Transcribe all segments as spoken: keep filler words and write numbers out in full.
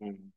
Mm.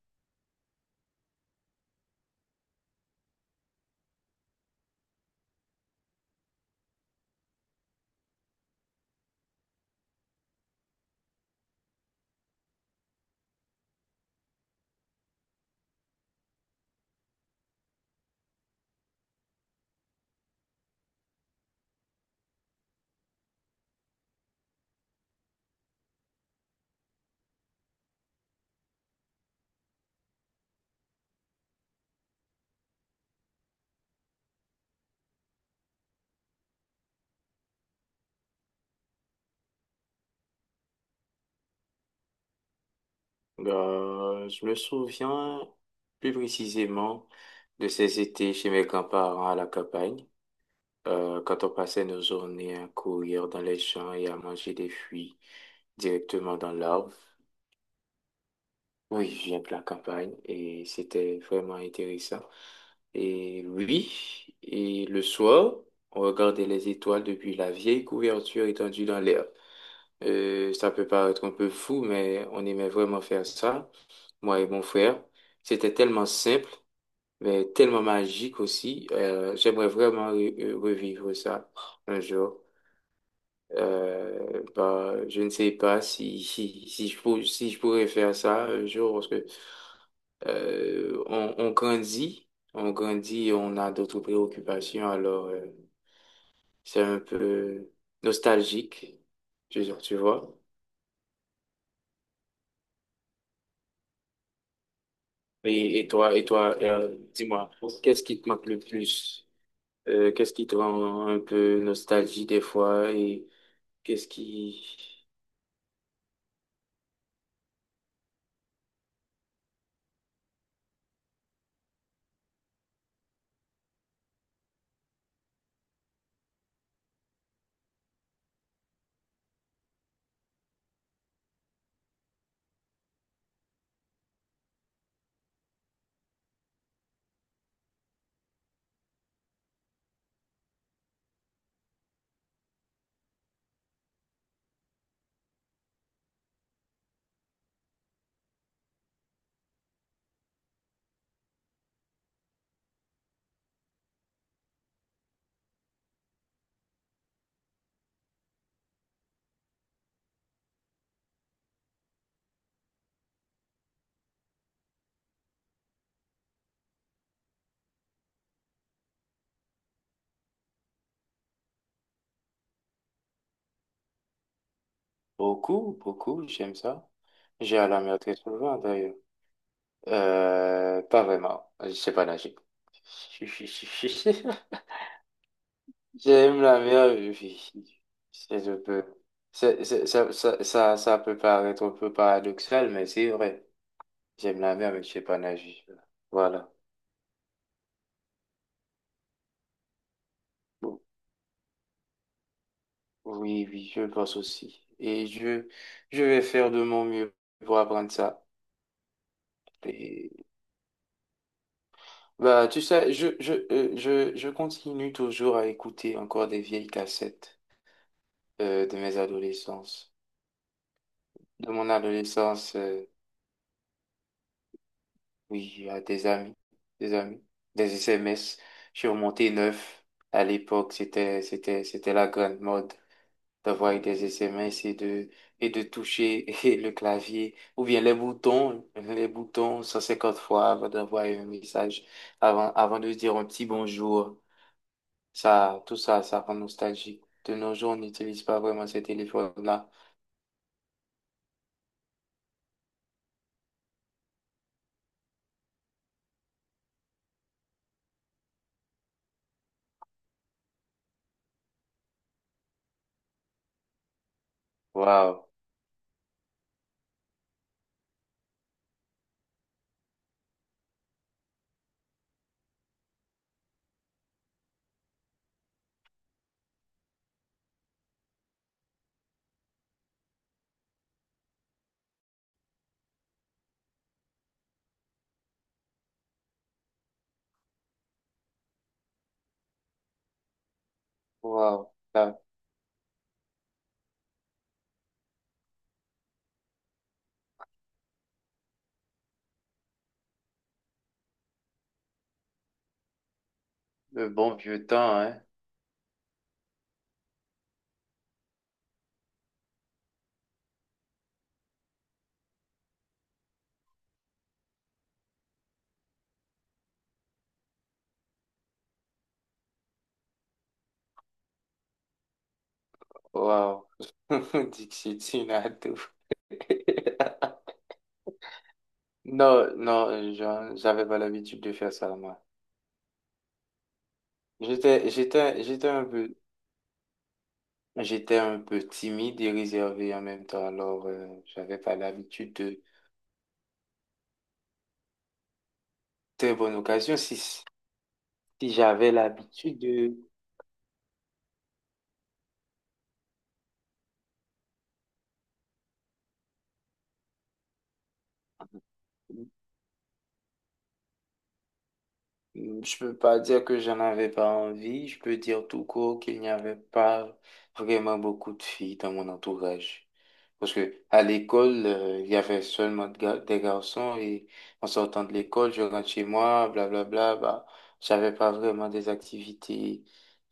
Euh, je me souviens plus précisément de ces étés chez mes grands-parents à la campagne, euh, quand on passait nos journées à courir dans les champs et à manger des fruits directement dans l'arbre. Oui, je viens de la campagne et c'était vraiment intéressant. Et oui, et le soir, on regardait les étoiles depuis la vieille couverture étendue dans l'air. Euh, ça peut paraître un peu fou, mais on aimait vraiment faire ça, moi et mon frère. C'était tellement simple, mais tellement magique aussi. Euh, j'aimerais vraiment re- euh, revivre ça un jour. Euh, bah, je ne sais pas si, si, si je pour- si je pourrais faire ça un jour, parce que euh, on, on grandit, on grandit et on a d'autres préoccupations, alors euh, c'est un peu nostalgique, tu, tu vois. Et, et toi, et toi, euh, dis-moi, qu'est-ce qui te manque le plus? Euh, qu'est-ce qui te rend un peu nostalgique des fois et qu'est-ce qui... Beaucoup, beaucoup, j'aime ça. J'ai à la mer très souvent d'ailleurs. Euh, pas vraiment, je sais pas nager. J'aime la meilleure vie. C'est un peu... c'est- c'est- ça, ça, ça, ça peut paraître un peu paradoxal, mais c'est vrai. J'aime la mer, mais je sais pas nager. Voilà. Bon. Oui, oui, je le pense aussi. Et je, je vais faire de mon mieux pour apprendre ça. Et, bah, tu sais, je, je, euh, je, je continue toujours à écouter encore des vieilles cassettes euh, de mes adolescences. De mon adolescence. euh, Oui, à des amis, des amis, des S M S. Je suis remonté neuf. À l'époque, c'était, c'était, c'était la grande mode d'avoir des S M S et de, et de toucher et le clavier ou bien les boutons, les boutons cent cinquante fois avant d'avoir un message, avant, avant de se dire un petit bonjour. Ça, tout ça, ça rend nostalgique. De nos jours, on n'utilise pas vraiment ces téléphones-là. Waouh, waouh. Là, le bon vieux temps, hein. Waouh. Dixit Sinatra. Non, non, je- j'avais pas l'habitude de faire ça, moi. J'étais, j'étais, j'étais un peu, j'étais un peu timide et réservé en même temps. Alors, euh, j'avais pas l'habitude de très bonne occasion. Si, si j'avais l'habitude de, je peux pas dire que j'en avais pas envie. Je peux dire tout court qu'il n'y avait pas vraiment beaucoup de filles dans mon entourage. Parce que à l'école, euh, il y avait seulement de ga- des garçons et en sortant de l'école, je rentre chez moi, blablabla, bah, j'avais pas vraiment des activités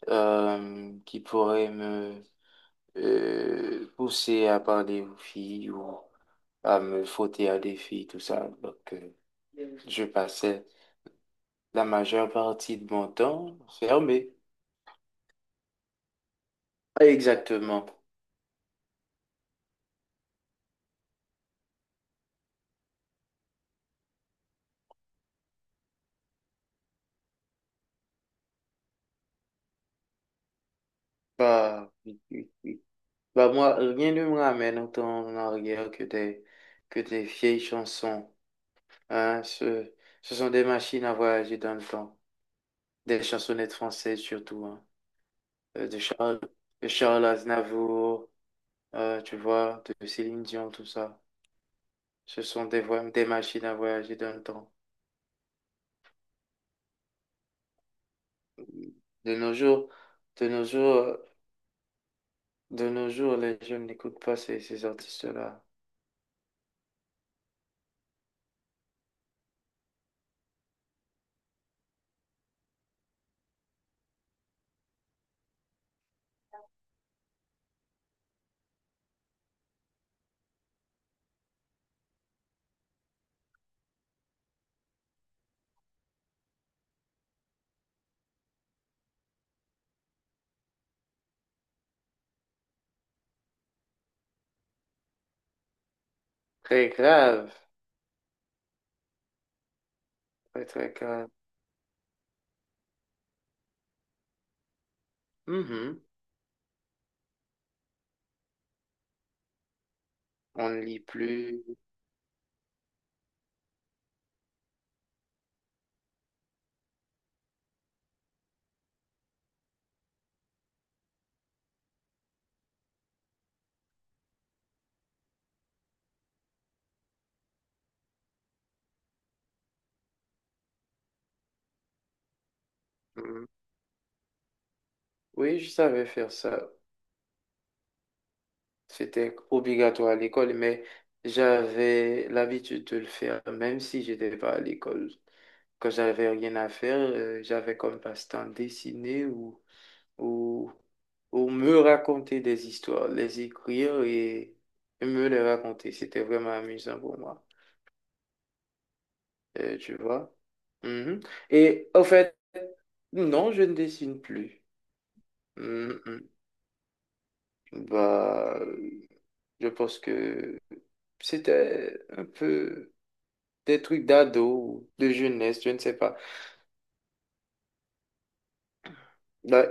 euh, qui pourraient me euh, pousser à parler aux filles ou à me frotter à des filles, tout ça. Donc, euh, je passais la majeure partie de mon temps fermé. Exactement. Bah, oui, oui, oui. Bah moi, rien ne me ramène autant en arrière que des, que des vieilles chansons. Hein. Ce, ce sont des machines à voyager dans le temps. Des chansonnettes françaises surtout. Hein. Euh, De Charles, de Charles Aznavour, euh, tu vois, de Céline Dion, tout ça. Ce sont des, voy- des machines à voyager dans le temps. De nos jours, de nos jours, euh, de nos jours, les jeunes n'écoutent pas ces, ces artistes-là. Très grave, très très grave. Mhm. On ne lit plus. Mmh. Oui, je savais faire ça. C'était obligatoire à l'école, mais j'avais l'habitude de le faire, même si j'étais pas à l'école. Quand j'avais rien à faire, euh, j'avais comme passe-temps dessiner ou, ou, ou me raconter des histoires, les écrire et me les raconter. C'était vraiment amusant pour moi. Euh, tu vois. Mhm. Et en fait, non, je ne dessine plus. Mhm. Bah, je pense que... c'était un peu des trucs d'ado, de jeunesse, je ne sais pas. Là,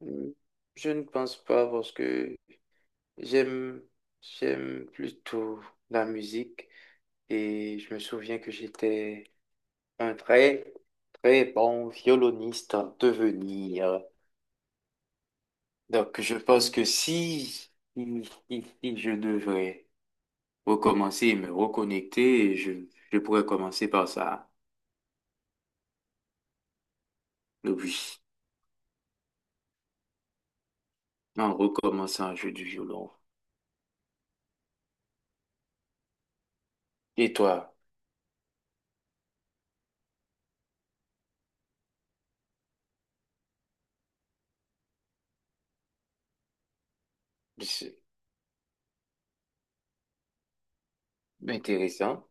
mm, je ne pense pas parce que j'aime, j'aime plutôt la musique et je me souviens que j'étais un très, très bon violoniste à devenir. Donc, je pense que si, si, si- si je devrais recommencer et me reconnecter, je, je pourrais commencer par ça. Donc, oui, en recommençant à jouer du violon. Et toi, c'est intéressant.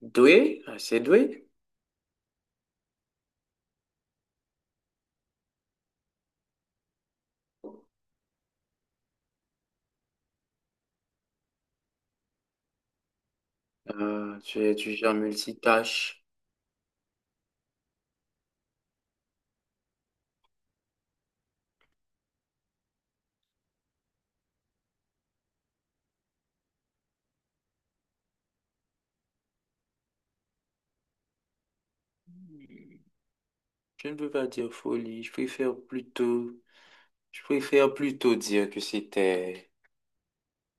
Doué, assez doué. Euh, tu es du genre multitâche. Je ne peux pas dire folie. Je préfère plutôt, je préfère plutôt dire que c'était,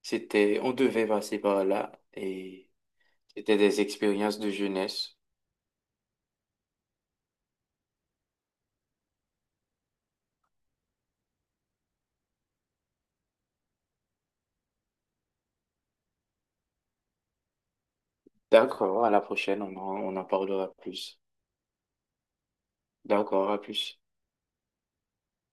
c'était, on devait passer par là et c'était des expériences de jeunesse. D'accord, à la prochaine, on en, on en parlera plus. D'accord, à plus.